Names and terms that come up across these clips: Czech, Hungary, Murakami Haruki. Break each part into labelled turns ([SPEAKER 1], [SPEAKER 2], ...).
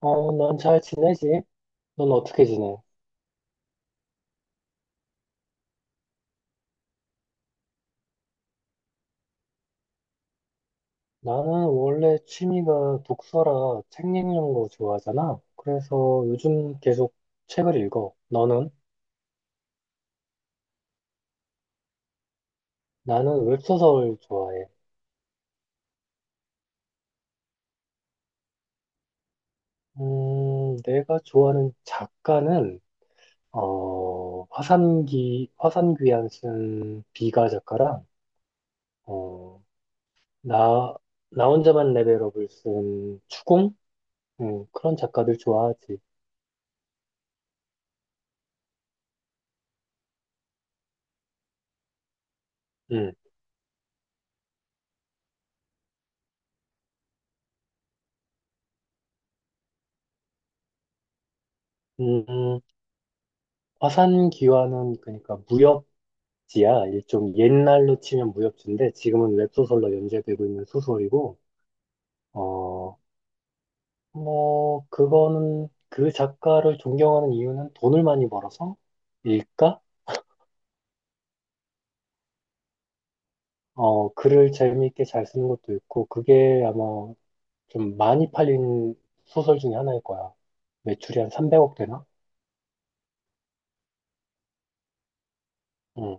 [SPEAKER 1] 어, 난 잘 지내지? 넌 어떻게 지내? 나는 원래 취미가 독서라 책 읽는 거 좋아하잖아. 그래서 요즘 계속 책을 읽어. 너는? 나는 웹소설 좋아해. 내가 좋아하는 작가는, 화산귀환 쓴 비가 작가랑, 어, 나, 나 혼자만 레벨업을 쓴 추공? 그런 작가들 좋아하지. 음, 음, 화산귀환은 그러니까 무협, 지야, 일종 옛날로 치면 무협지인데 지금은 웹소설로 연재되고 있는 소설이고, 어 뭐 그거는 그 작가를 존경하는 이유는 돈을 많이 벌어서 일까? 글을 재미있게 잘 쓰는 것도 있고, 그게 아마 좀 많이 팔린 소설 중에 하나일 거야. 매출이 한 300억 되나? 응,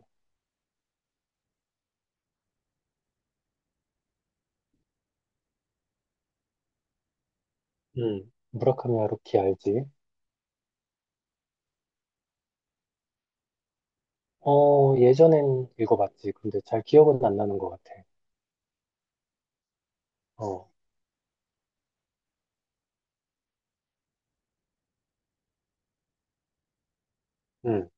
[SPEAKER 1] 응. 무라카미 하루키 알지? 예전엔 읽어봤지. 근데 잘 기억은 안 나는 것 같아. 어, 응.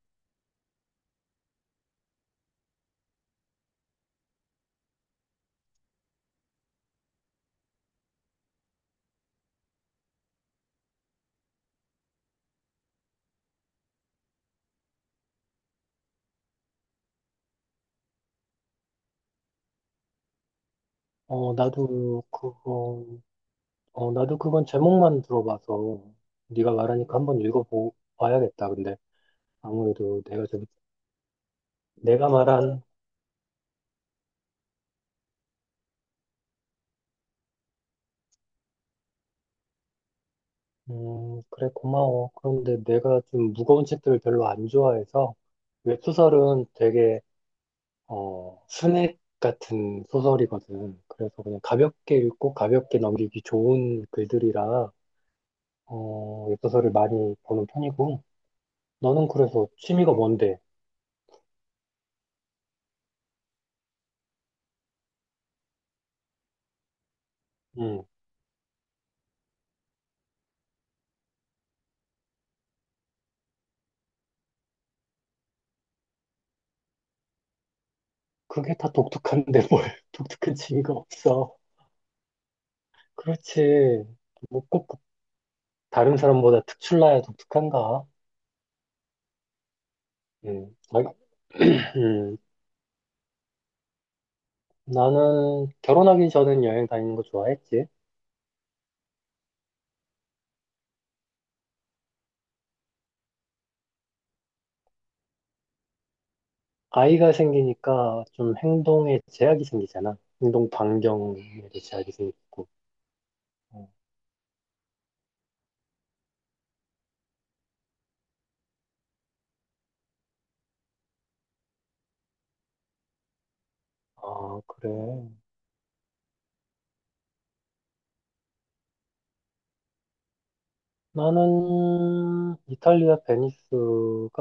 [SPEAKER 1] 어, 나도 그거 나도 그건 제목만 들어봐서, 네가 말하니까 한번 읽어봐야겠다. 근데 아무래도 내가 좀, 내가 말한, 그래, 고마워. 그런데 내가 좀 무거운 책들을 별로 안 좋아해서. 웹소설은 되게, 스낵 같은 소설이거든. 그래서 그냥 가볍게 읽고 가볍게 넘기기 좋은 글들이라 웹소설을 많이 보는 편이고. 너는 그래서 취미가 뭔데? 음, 그게 다 독특한데 뭘. 독특한 취미가 없어. 그렇지. 뭐꼭 다른 사람보다 특출나야 독특한가? 음. 아, 음. 나는 결혼하기 전엔 여행 다니는 거 좋아했지. 아이가 생기니까 좀 행동에 제약이 생기잖아. 행동 반경에도 제약이 생기고. 어, 아, 그래. 나는 이탈리아 베니스가,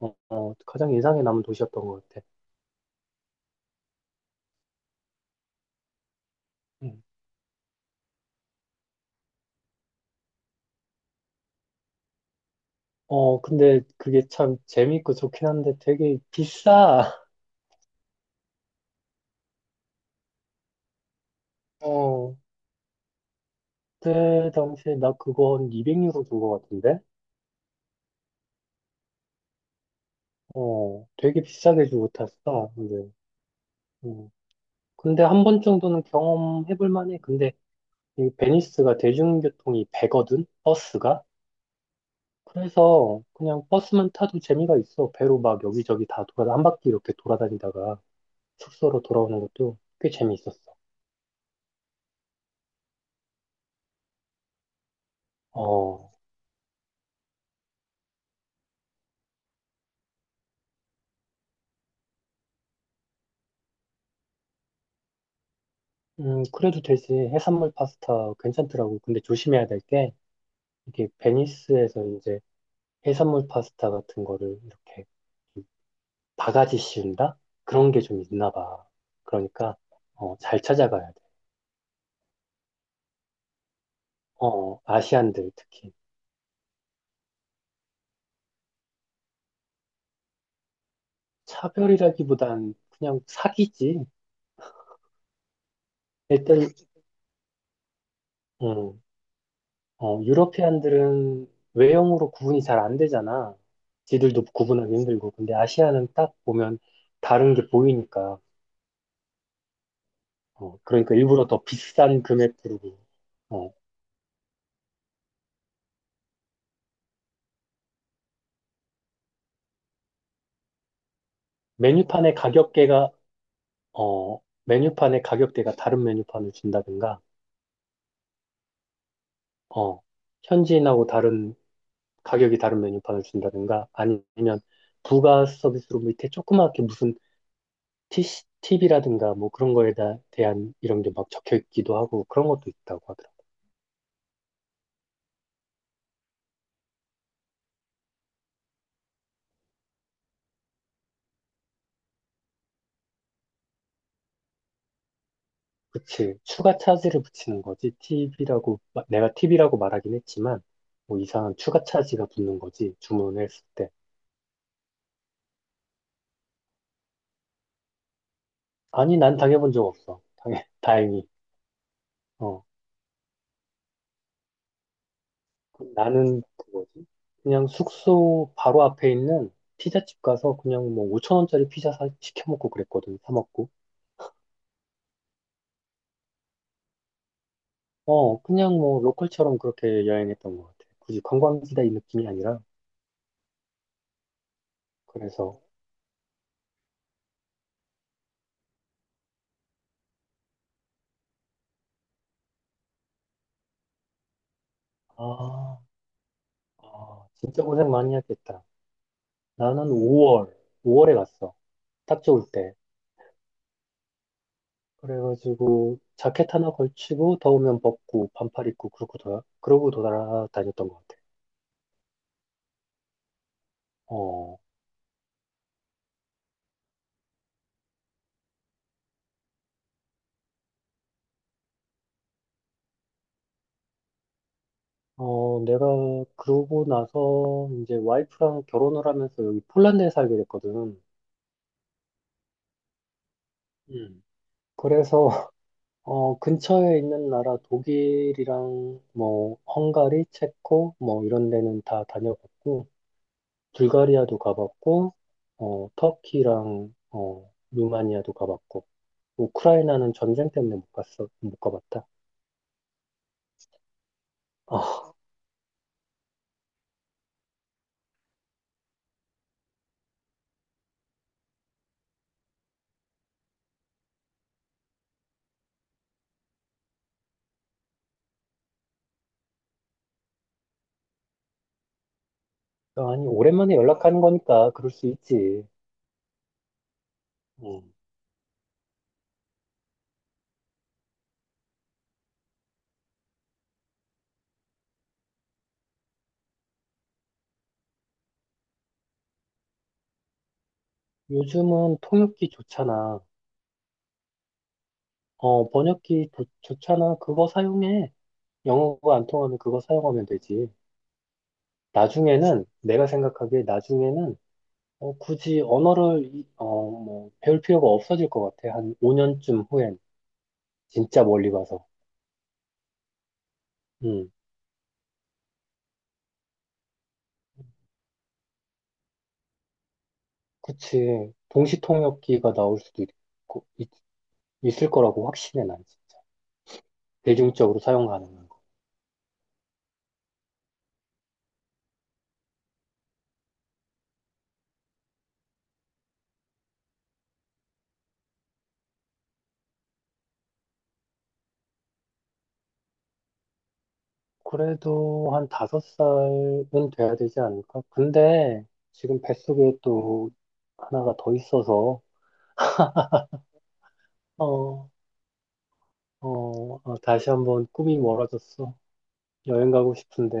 [SPEAKER 1] 가장 인상에 남은 도시였던 것 같아. 음. 어, 근데 그게 참 재미있고 좋긴 한데 되게 비싸. 어, 그때 당시에 나 그거 한 200유로 준 것 같은데? 어, 되게 비싸게 주고 탔어. 근데, 음. 근데 한 번 정도는 경험해볼 만해. 근데 이 베니스가 대중교통이 배거든? 버스가? 그래서 그냥 버스만 타도 재미가 있어. 배로 막 여기저기 다 한 바퀴 이렇게 돌아다니다가 숙소로 돌아오는 것도 꽤 재미있었어. 어, 그래도 되지. 해산물 파스타 괜찮더라고. 근데 조심해야 될 게, 이게 베니스에서 이제 해산물 파스타 같은 거를 이렇게 바가지 씌운다? 그런 게 좀 있나 봐. 그러니까 잘 찾아가야 돼. 어, 어, 아시안들 특히. 차별이라기보단 그냥 사기지. 일단, 음, 유러피안들은 외형으로 구분이 잘 안 되잖아. 지들도 구분하기 힘들고. 근데 아시아는 딱 보면 다른 게 보이니까. 어, 그러니까 일부러 더 비싼 금액 부르고. 어, 메뉴판의 가격대가 어, 메뉴판의 가격대가 다른 메뉴판을 준다든가, 어, 현지인하고 다른, 가격이 다른 메뉴판을 준다든가, 아니면 부가 서비스로 밑에 조그맣게 무슨 TC, 팁이라든가 뭐 그런 거에 대한 이런 게 막 적혀 있기도 하고, 그런 것도 있다고 하더라고. 그치. 추가 차지를 붙이는 거지. 팁이라고, 내가 팁이라고 말하긴 했지만, 뭐 이상한 추가 차지가 붙는 거지, 주문을 했을 때. 아니, 난 당해본 적 없어. 다행히. 어. 나는 그 뭐지? 그냥 숙소 바로 앞에 있는 피자집 가서 그냥 뭐 5천 원짜리 피자 시켜 먹고 그랬거든. 사 먹고. 어, 그냥 뭐 로컬처럼 그렇게 여행했던 것 같아. 굳이 관광지다 이 느낌이 아니라. 그래서 아, 아, 진짜 고생 많이 했겠다. 나는 5월에 갔어. 딱 좋을 때. 그래가지고 자켓 하나 걸치고 더우면 벗고 반팔 입고, 그러고 돌아다녔던 것 같아. 어. 어, 내가 그러고 나서 이제 와이프랑 결혼을 하면서 여기 폴란드에 살게 됐거든. 음, 그래서 근처에 있는 나라 독일이랑 뭐 헝가리, 체코 뭐 이런 데는 다 다녀봤고, 불가리아도 가봤고, 터키랑 루마니아도 가봤고, 우크라이나는 전쟁 때문에 못 가봤다. 아, 아니 오랜만에 연락하는 거니까 그럴 수 있지. 음. 요즘은 통역기 좋잖아. 번역기 좋잖아. 그거 사용해. 영어가 안 통하면 그거 사용하면 되지. 나중에는, 내가 생각하기에 나중에는, 굳이 언어를, 뭐, 배울 필요가 없어질 것 같아. 한 5년쯤 후엔. 진짜 멀리 가서. 음, 그치. 동시통역기가 나올 수도 있고, 있을 거라고 확신해, 난 진짜. 대중적으로 사용 가능한 거. 그래도 한 다섯 살은 돼야 되지 않을까? 근데, 지금 뱃속에 또 하나가 더 있어서. 어, 어, 아, 다시 한번 꿈이 멀어졌어. 여행 가고 싶은데.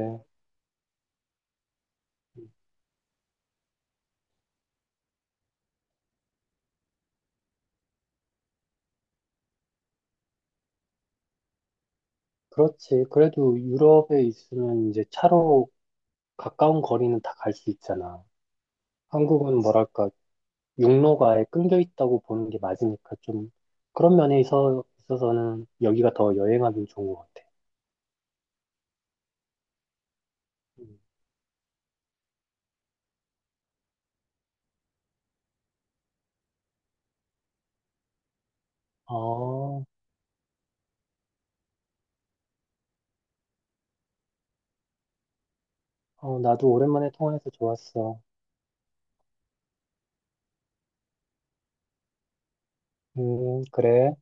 [SPEAKER 1] 그렇지. 그래도 유럽에 있으면 이제 차로 가까운 거리는 다 갈 수 있잖아. 한국은 뭐랄까, 육로가 아예 끊겨 있다고 보는 게 맞으니까, 좀 그런 면에 있어서는 여기가 더 여행하기 좋은 것 같아. 음. 어, 어, 나도 오랜만에 통화해서 좋았어. 그래.